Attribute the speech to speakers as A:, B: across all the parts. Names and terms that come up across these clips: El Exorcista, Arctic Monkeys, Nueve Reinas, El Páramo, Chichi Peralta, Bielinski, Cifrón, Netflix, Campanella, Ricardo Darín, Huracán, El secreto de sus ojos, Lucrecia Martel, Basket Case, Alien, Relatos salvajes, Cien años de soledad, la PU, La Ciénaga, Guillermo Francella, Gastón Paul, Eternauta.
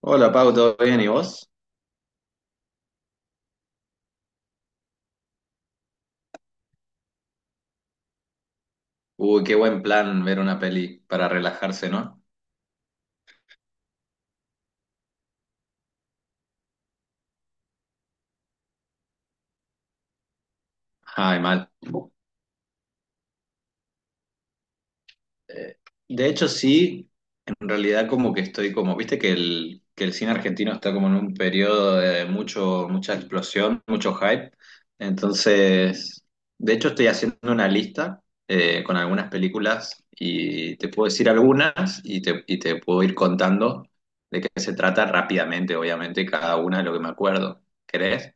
A: Hola Pau, ¿todo bien? ¿Y vos? Uy, qué buen plan ver una peli para relajarse, ¿no? Ay, mal. Eh, de hecho, sí, en realidad como que estoy como, viste que que el cine argentino está como en un periodo de mucho, mucha explosión, mucho hype. Entonces, de hecho estoy haciendo una lista con algunas películas y te puedo decir algunas y te puedo ir contando de qué se trata rápidamente, obviamente, cada una de lo que me acuerdo. ¿Querés?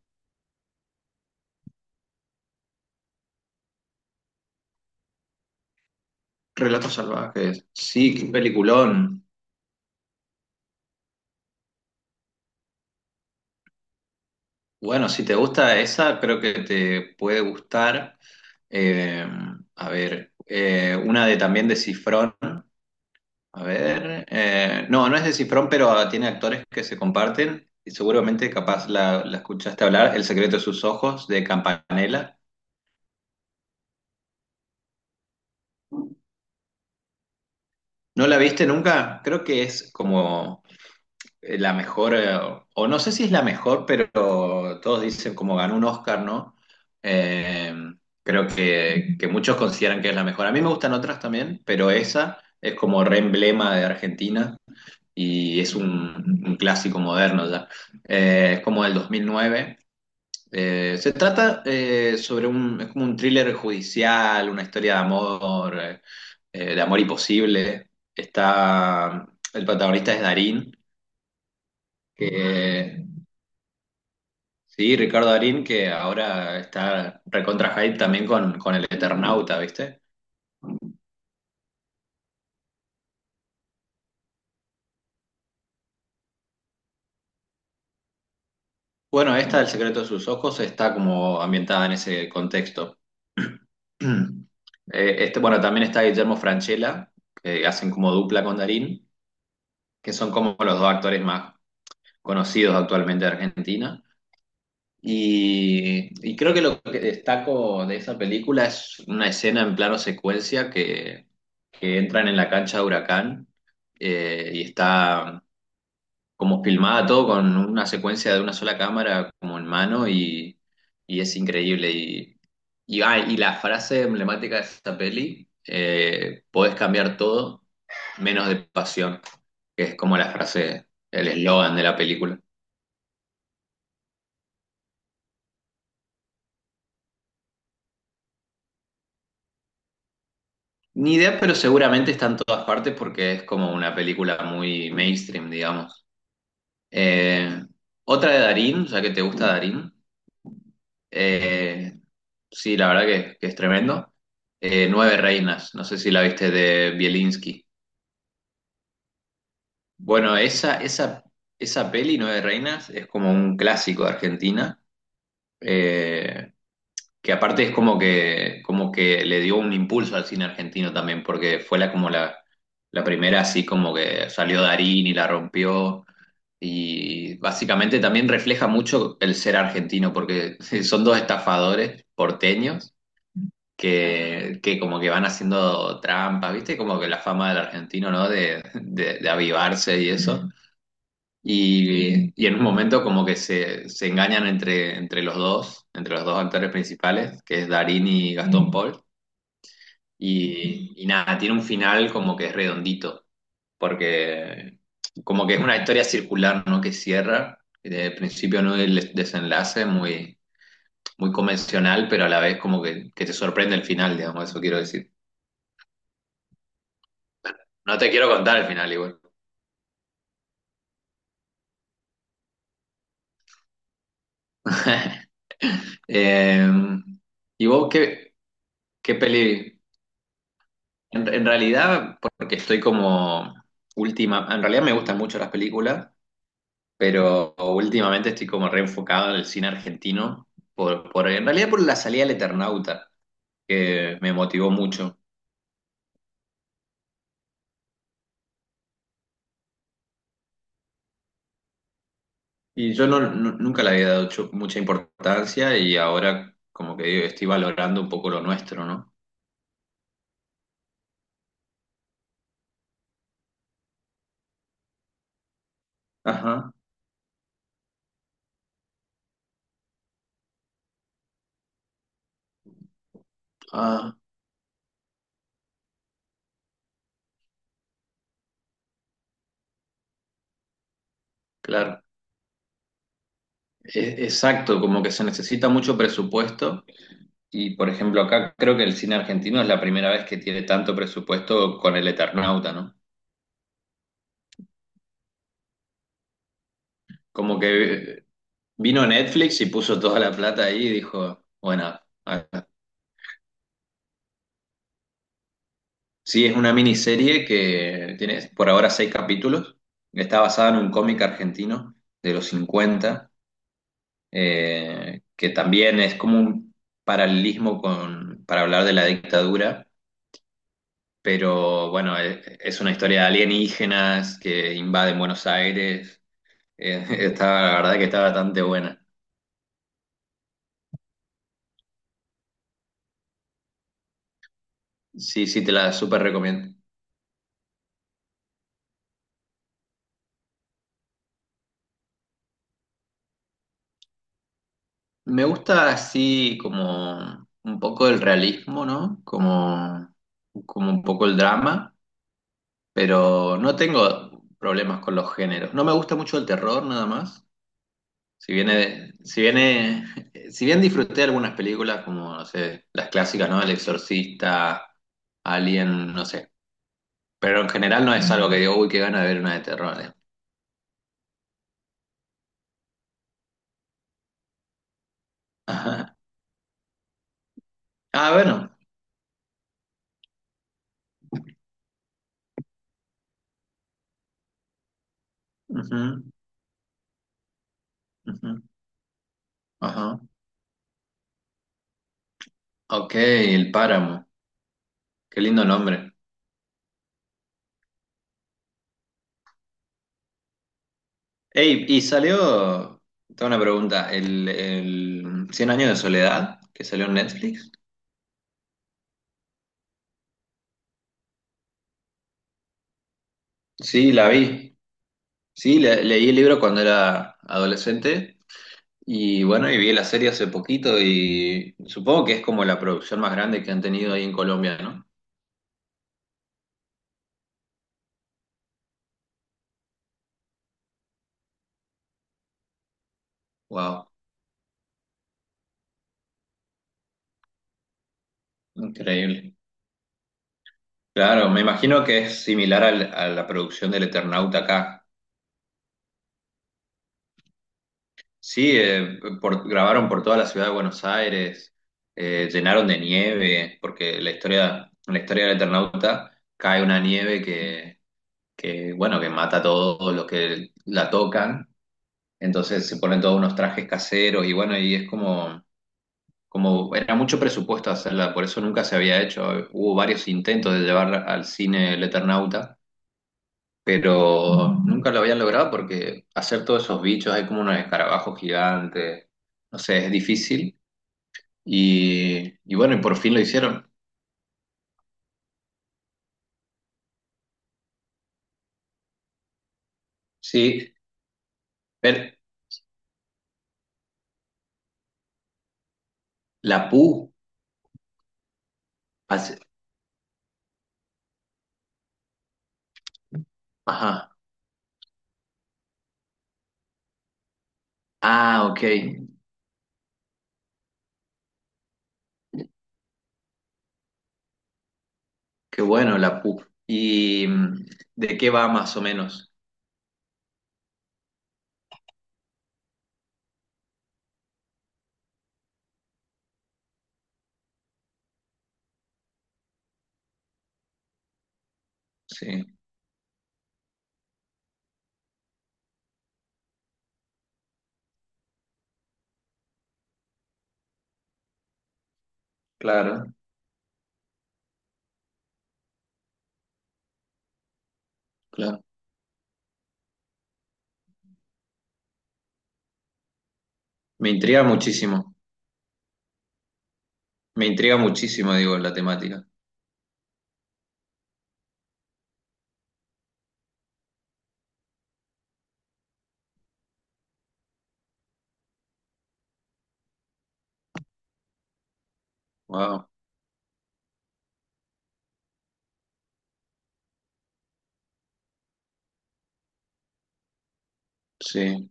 A: Relatos salvajes. Sí, qué peliculón. Bueno, si te gusta esa, creo que te puede gustar. eh, a ver, una de también de Cifrón. A ver, no, no es de Cifrón, pero tiene actores que se comparten. Y seguramente capaz la escuchaste hablar, El secreto de sus ojos, de Campanella. ¿No la viste nunca? Creo que es como la mejor, o no sé si es la mejor, pero todos dicen como ganó un Oscar, ¿no? Eh, Creo que muchos consideran que es la mejor. A mí me gustan otras también, pero esa es como re emblema de Argentina y es un clásico moderno ya. Es como del 2009. Se trata sobre un, es como un thriller judicial, una historia de amor imposible. Está, el protagonista es Darín, que. Sí, Ricardo Darín, que ahora está recontra hype también con el Eternauta, ¿viste? Bueno, esta, El secreto de sus ojos, está como ambientada en ese contexto. Este, bueno, también está Guillermo Francella, que hacen como dupla con Darín, que son como los dos actores más conocidos actualmente de Argentina. Y creo que lo que destaco de esa película es una escena en plano secuencia que entran en la cancha de Huracán y está como filmada todo con una secuencia de una sola cámara como en mano y es increíble. Y la frase emblemática de esta peli, podés cambiar todo menos de pasión, que es como la frase, el eslogan de la película. Ni idea, pero seguramente está en todas partes porque es como una película muy mainstream, digamos. Eh, Otra de Darín, ya que te gusta Darín. Eh, sí, la verdad que es tremendo. Nueve Reinas, no sé si la viste de Bielinski. Bueno, esa peli, Nueve Reinas, es como un clásico de Argentina, eh, que aparte es como que le dio un impulso al cine argentino también, porque fue la, como la primera así como que salió Darín y la rompió. Y básicamente también refleja mucho el ser argentino, porque son dos estafadores porteños que como que van haciendo trampas, ¿viste? Como que la fama del argentino, ¿no? De avivarse y eso. Y en un momento como que se engañan entre los dos actores principales, que es Darín y Gastón Paul. Y nada, tiene un final como que es redondito, porque como que es una historia circular, ¿no? Que cierra, de principio no el desenlace, muy, muy convencional, pero a la vez como que te sorprende el final, digamos, eso quiero decir. No te quiero contar el final igual. Eh, ¿Y vos qué peli? En realidad, porque estoy como última, en realidad me gustan mucho las películas, pero últimamente estoy como reenfocado en el cine argentino, en realidad por la salida del Eternauta, que me motivó mucho. Y yo nunca le había dado mucha importancia y ahora como que digo, estoy valorando un poco lo nuestro, ¿no? Ajá. Ah, claro. Exacto, como que se necesita mucho presupuesto y por ejemplo acá creo que el cine argentino es la primera vez que tiene tanto presupuesto con el Eternauta, ¿no? Como que vino Netflix y puso toda la plata ahí y dijo, bueno, a- sí es una miniserie que tiene por ahora seis capítulos, está basada en un cómic argentino de los 50, que también es como un paralelismo con, para hablar de la dictadura. Pero bueno, es una historia de alienígenas que invaden Buenos Aires. Está, la verdad que está bastante buena. Sí, sí, te la súper recomiendo. Me gusta así como un poco el realismo, ¿no? Como un poco el drama, pero no tengo problemas con los géneros. No me gusta mucho el terror, nada más. Si viene, si viene, si bien disfruté algunas películas como, no sé, las clásicas, ¿no? El Exorcista, Alien, no sé. Pero en general no es algo que digo, uy, qué gana de ver una de terror. Ajá. Ah, bueno. Ujú, ujú, ajá. Ok, El Páramo. Qué lindo nombre. Ey, y salió, tengo una pregunta, el Cien años de soledad que salió en Netflix. Sí, la vi. Sí, leí el libro cuando era adolescente y bueno, y vi la serie hace poquito y supongo que es como la producción más grande que han tenido ahí en Colombia, ¿no? Wow, increíble. Claro, me imagino que es similar a la producción del Eternauta acá. Sí, grabaron por toda la ciudad de Buenos Aires, llenaron de nieve, porque la historia, en la historia del Eternauta cae una nieve bueno, que mata a todos los que la tocan. Entonces se ponen todos unos trajes caseros y bueno, y es como era mucho presupuesto hacerla, por eso nunca se había hecho. Hubo varios intentos de llevar al cine el Eternauta pero nunca lo habían logrado porque hacer todos esos bichos, hay como unos escarabajos gigantes, no sé, es difícil. Y bueno, y por fin lo hicieron. Sí, ver, la PU, hace- ajá, ah, ok, qué bueno la PU. ¿Y de qué va más o menos? Sí, claro, claro. Me intriga muchísimo, me intriga muchísimo, digo, la temática. Wow, sí.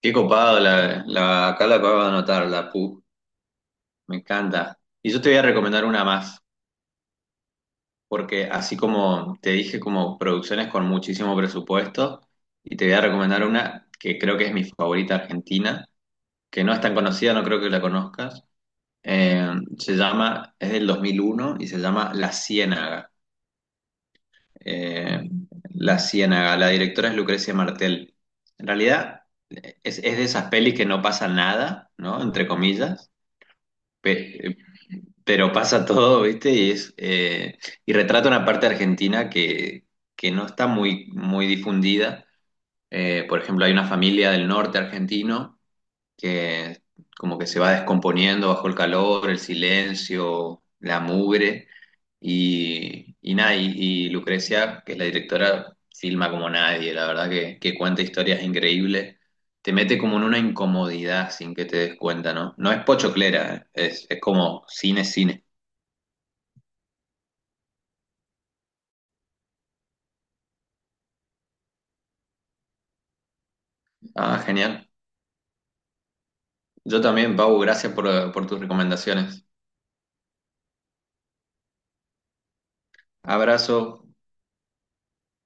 A: Qué copado, acá la acabo de anotar, la PU. Me encanta. Y yo te voy a recomendar una más, porque así como te dije, como producciones con muchísimo presupuesto, y te voy a recomendar una que creo que es mi favorita argentina, que no es tan conocida, no creo que la conozcas. Eh, Se llama, es del 2001 y se llama La Ciénaga. Eh, La Ciénaga, la directora es Lucrecia Martel. En realidad, es de esas pelis que no pasa nada, ¿no? Entre comillas pe- pero pasa todo, ¿viste? Y es y retrata una parte argentina que no está muy, muy difundida. Por ejemplo, hay una familia del norte argentino que como que se va descomponiendo bajo el calor, el silencio, la mugre. Y nada, y Lucrecia, que es la directora, filma como nadie, la verdad que cuenta historias increíbles. Te mete como en una incomodidad sin que te des cuenta, ¿no? No es pochoclera, ¿eh? Es como cine, cine. Ah, genial. Yo también, Pau, gracias por tus recomendaciones. Abrazo.